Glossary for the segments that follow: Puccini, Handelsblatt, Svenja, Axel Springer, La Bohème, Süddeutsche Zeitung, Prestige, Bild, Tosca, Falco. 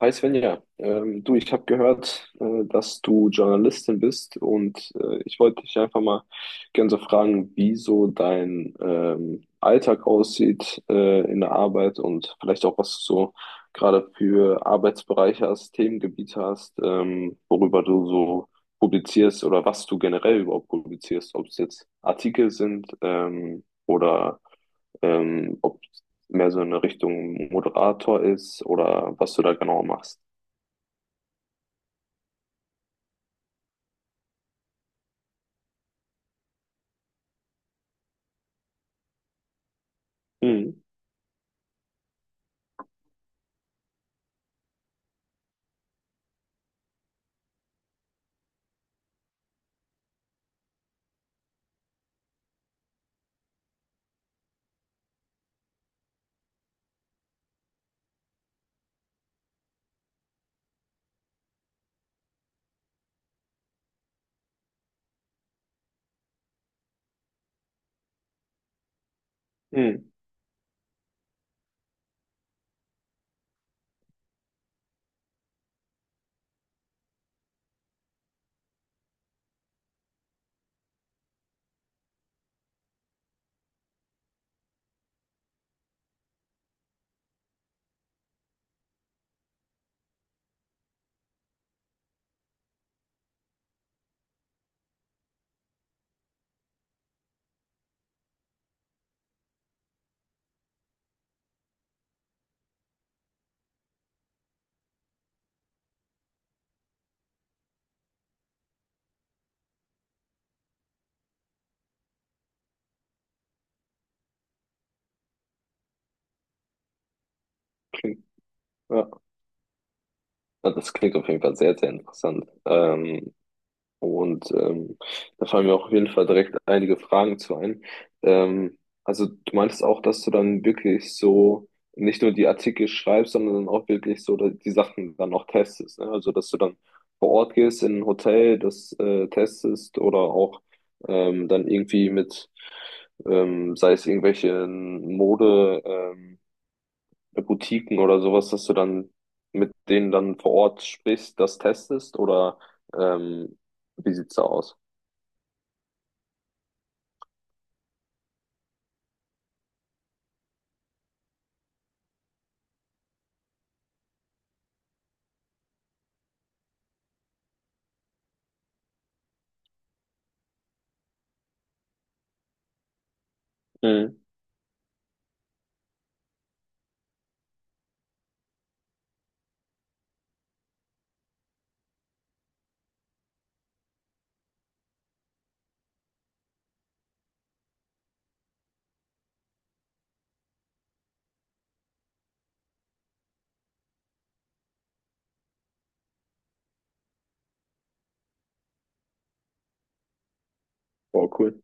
Hi Svenja, du, ich habe gehört, dass du Journalistin bist und ich wollte dich einfach mal gerne so fragen, wie so dein Alltag aussieht in der Arbeit und vielleicht auch, was du so gerade für Arbeitsbereiche hast, Themengebiete hast, worüber du so publizierst oder was du generell überhaupt publizierst, ob es jetzt Artikel sind oder ob mehr so in eine Richtung Moderator ist oder was du da genau machst. Mhm. Mhm. Klingt, ja. Ja, das klingt auf jeden Fall sehr, sehr interessant. Und ähm, Da fallen mir auch auf jeden Fall direkt einige Fragen zu ein. Ähm, also du meintest auch, dass du dann wirklich so nicht nur die Artikel schreibst, sondern dann auch wirklich so die Sachen dann auch testest, ne? Also dass du dann vor Ort gehst in ein Hotel, das testest oder auch dann irgendwie mit, sei es irgendwelche Mode, bei Boutiquen oder sowas, dass du dann mit denen dann vor Ort sprichst, das testest oder ähm, wie sieht's da aus? Mhm. Boah, cool.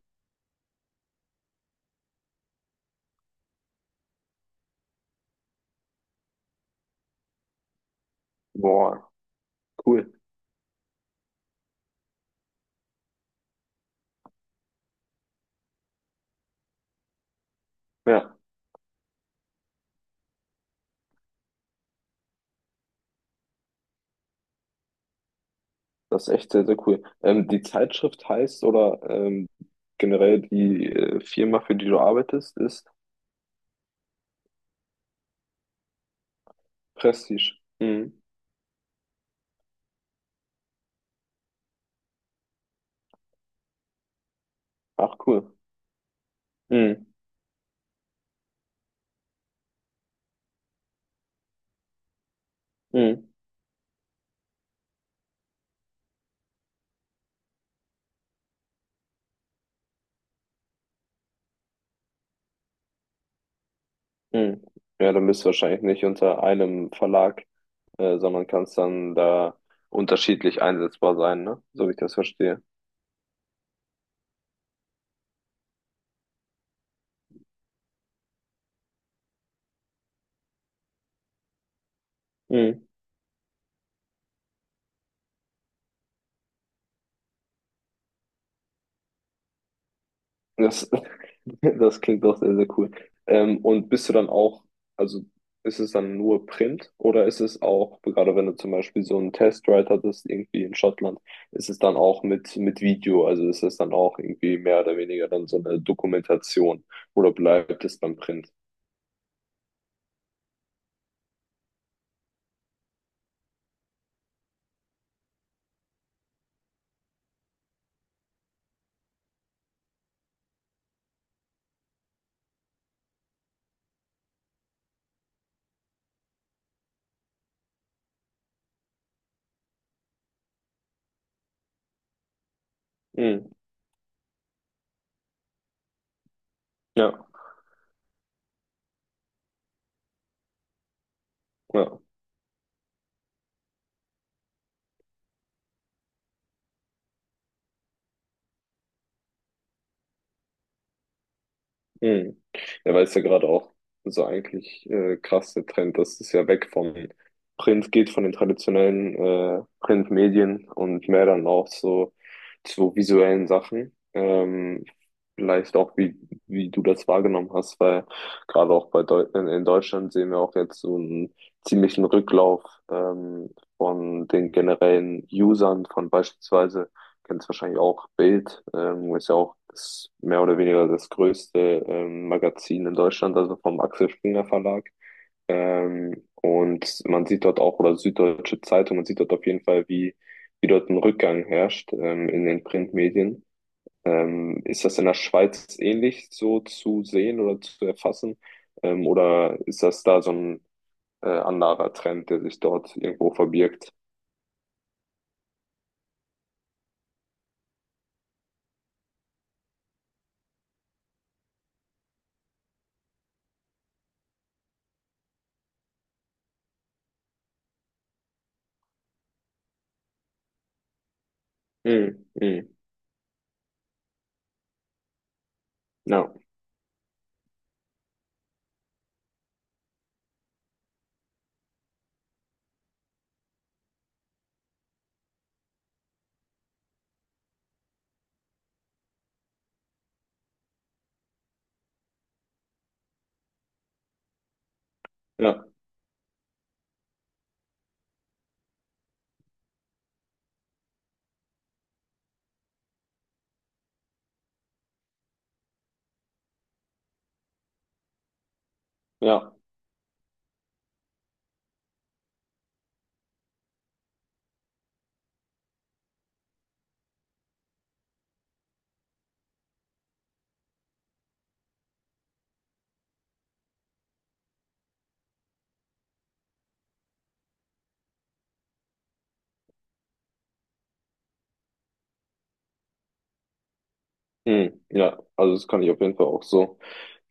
Boah, cool. Ja, das ist echt sehr, sehr cool. Die Zeitschrift heißt oder generell die Firma, für die du arbeitest, ist Prestige. Mhm. Ach, cool. Mhm. Mhm. Mhm. Ja, dann bist du wahrscheinlich nicht unter einem Verlag, sondern kannst dann da unterschiedlich einsetzbar sein, ne? So wie ich das verstehe. Mhm. Das, das klingt doch sehr, sehr cool. Und bist du dann auch, also ist es dann nur Print oder ist es auch, gerade wenn du zum Beispiel so einen Testride hattest, irgendwie in Schottland, ist es dann auch mit Video, also ist es dann auch irgendwie mehr oder weniger dann so eine Dokumentation oder bleibt es beim Print? Mhm. Ja, ja. Mhm. Ja, weil es ja gerade auch so eigentlich krass der Trend, dass es ja weg vom Print geht, von den traditionellen Printmedien und mehr dann auch so zu visuellen Sachen. Vielleicht auch, wie, wie du das wahrgenommen hast, weil gerade auch in Deutschland sehen wir auch jetzt so einen ziemlichen Rücklauf ähm, von den generellen Usern von beispielsweise, kennst wahrscheinlich auch Bild, ist ja auch das, mehr oder weniger das größte Magazin in Deutschland, also vom Axel Springer Verlag. Und man sieht dort auch, oder Süddeutsche Zeitung, man sieht dort auf jeden Fall, wie, wie dort ein Rückgang herrscht in den Printmedien. Ist das in der Schweiz ähnlich so zu sehen oder zu erfassen? Oder ist das da so ein anderer Trend, der sich dort irgendwo verbirgt? Mhm. Mhm. Ja, ja, ja. Hm, ja, also das kann ich auf jeden Fall auch so,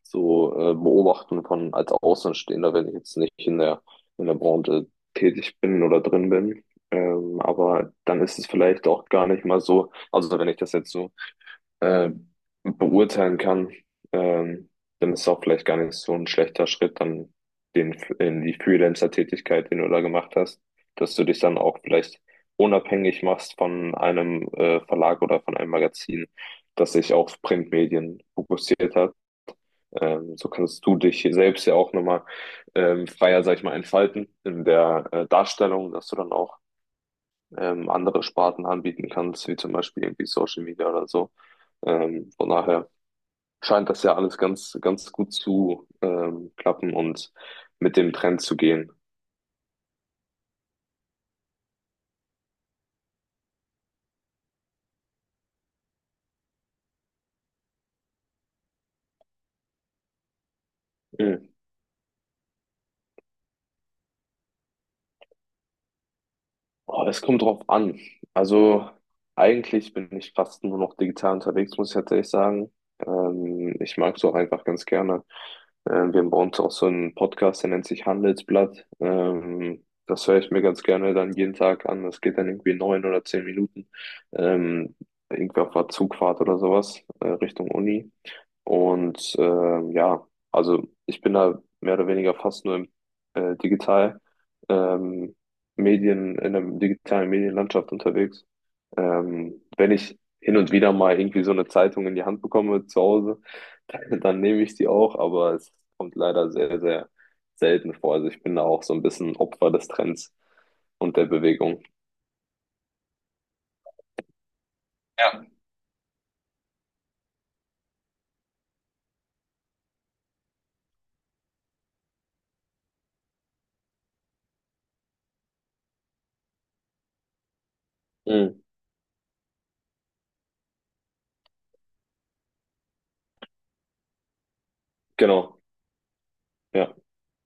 so beobachten von als Außenstehender, wenn ich jetzt nicht in der, in der Branche tätig bin oder drin bin. Aber dann ist es vielleicht auch gar nicht mal so, also wenn ich das jetzt so äh, beurteilen kann, ähm, dann ist es auch vielleicht gar nicht so ein schlechter Schritt, dann den, in die Freelancer-Tätigkeit, den du da gemacht hast, dass du dich dann auch vielleicht unabhängig machst von einem Verlag oder von einem Magazin, das sich auf Printmedien fokussiert hat. So kannst du dich selbst ja auch nochmal freier, sag ich mal, entfalten in der Darstellung, dass du dann auch andere Sparten anbieten kannst, wie zum Beispiel irgendwie Social Media oder so. Von daher scheint das ja alles ganz, ganz gut zu klappen und mit dem Trend zu gehen. Mhm. Oh, es kommt drauf an. Also eigentlich bin ich fast nur noch digital unterwegs, muss ich tatsächlich sagen. Ich mag es auch einfach ganz gerne. Wir haben bei uns auch so einen Podcast, der nennt sich Handelsblatt. Das höre ich mir ganz gerne dann jeden Tag an. Das geht dann irgendwie 9 oder 10 Minuten. Ähm, irgendwie auf der Zugfahrt oder sowas, Richtung Uni. Und ja, also ich bin da mehr oder weniger fast nur im, digital. Ähm, Medien, in der digitalen Medienlandschaft unterwegs. Wenn ich hin und wieder mal irgendwie so eine Zeitung in die Hand bekomme zu Hause, dann, dann nehme ich die auch, aber es kommt leider sehr, sehr selten vor. Also ich bin da auch so ein bisschen Opfer des Trends und der Bewegung. Ja. Mhm. Genau, ja.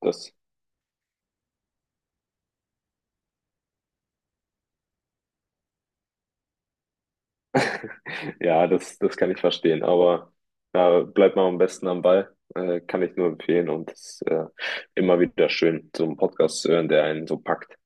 Das, ja, das, das kann ich verstehen, aber da bleibt man am besten am Ball, kann ich nur empfehlen und es ist immer wieder schön, so einen Podcast zu hören, der einen so packt.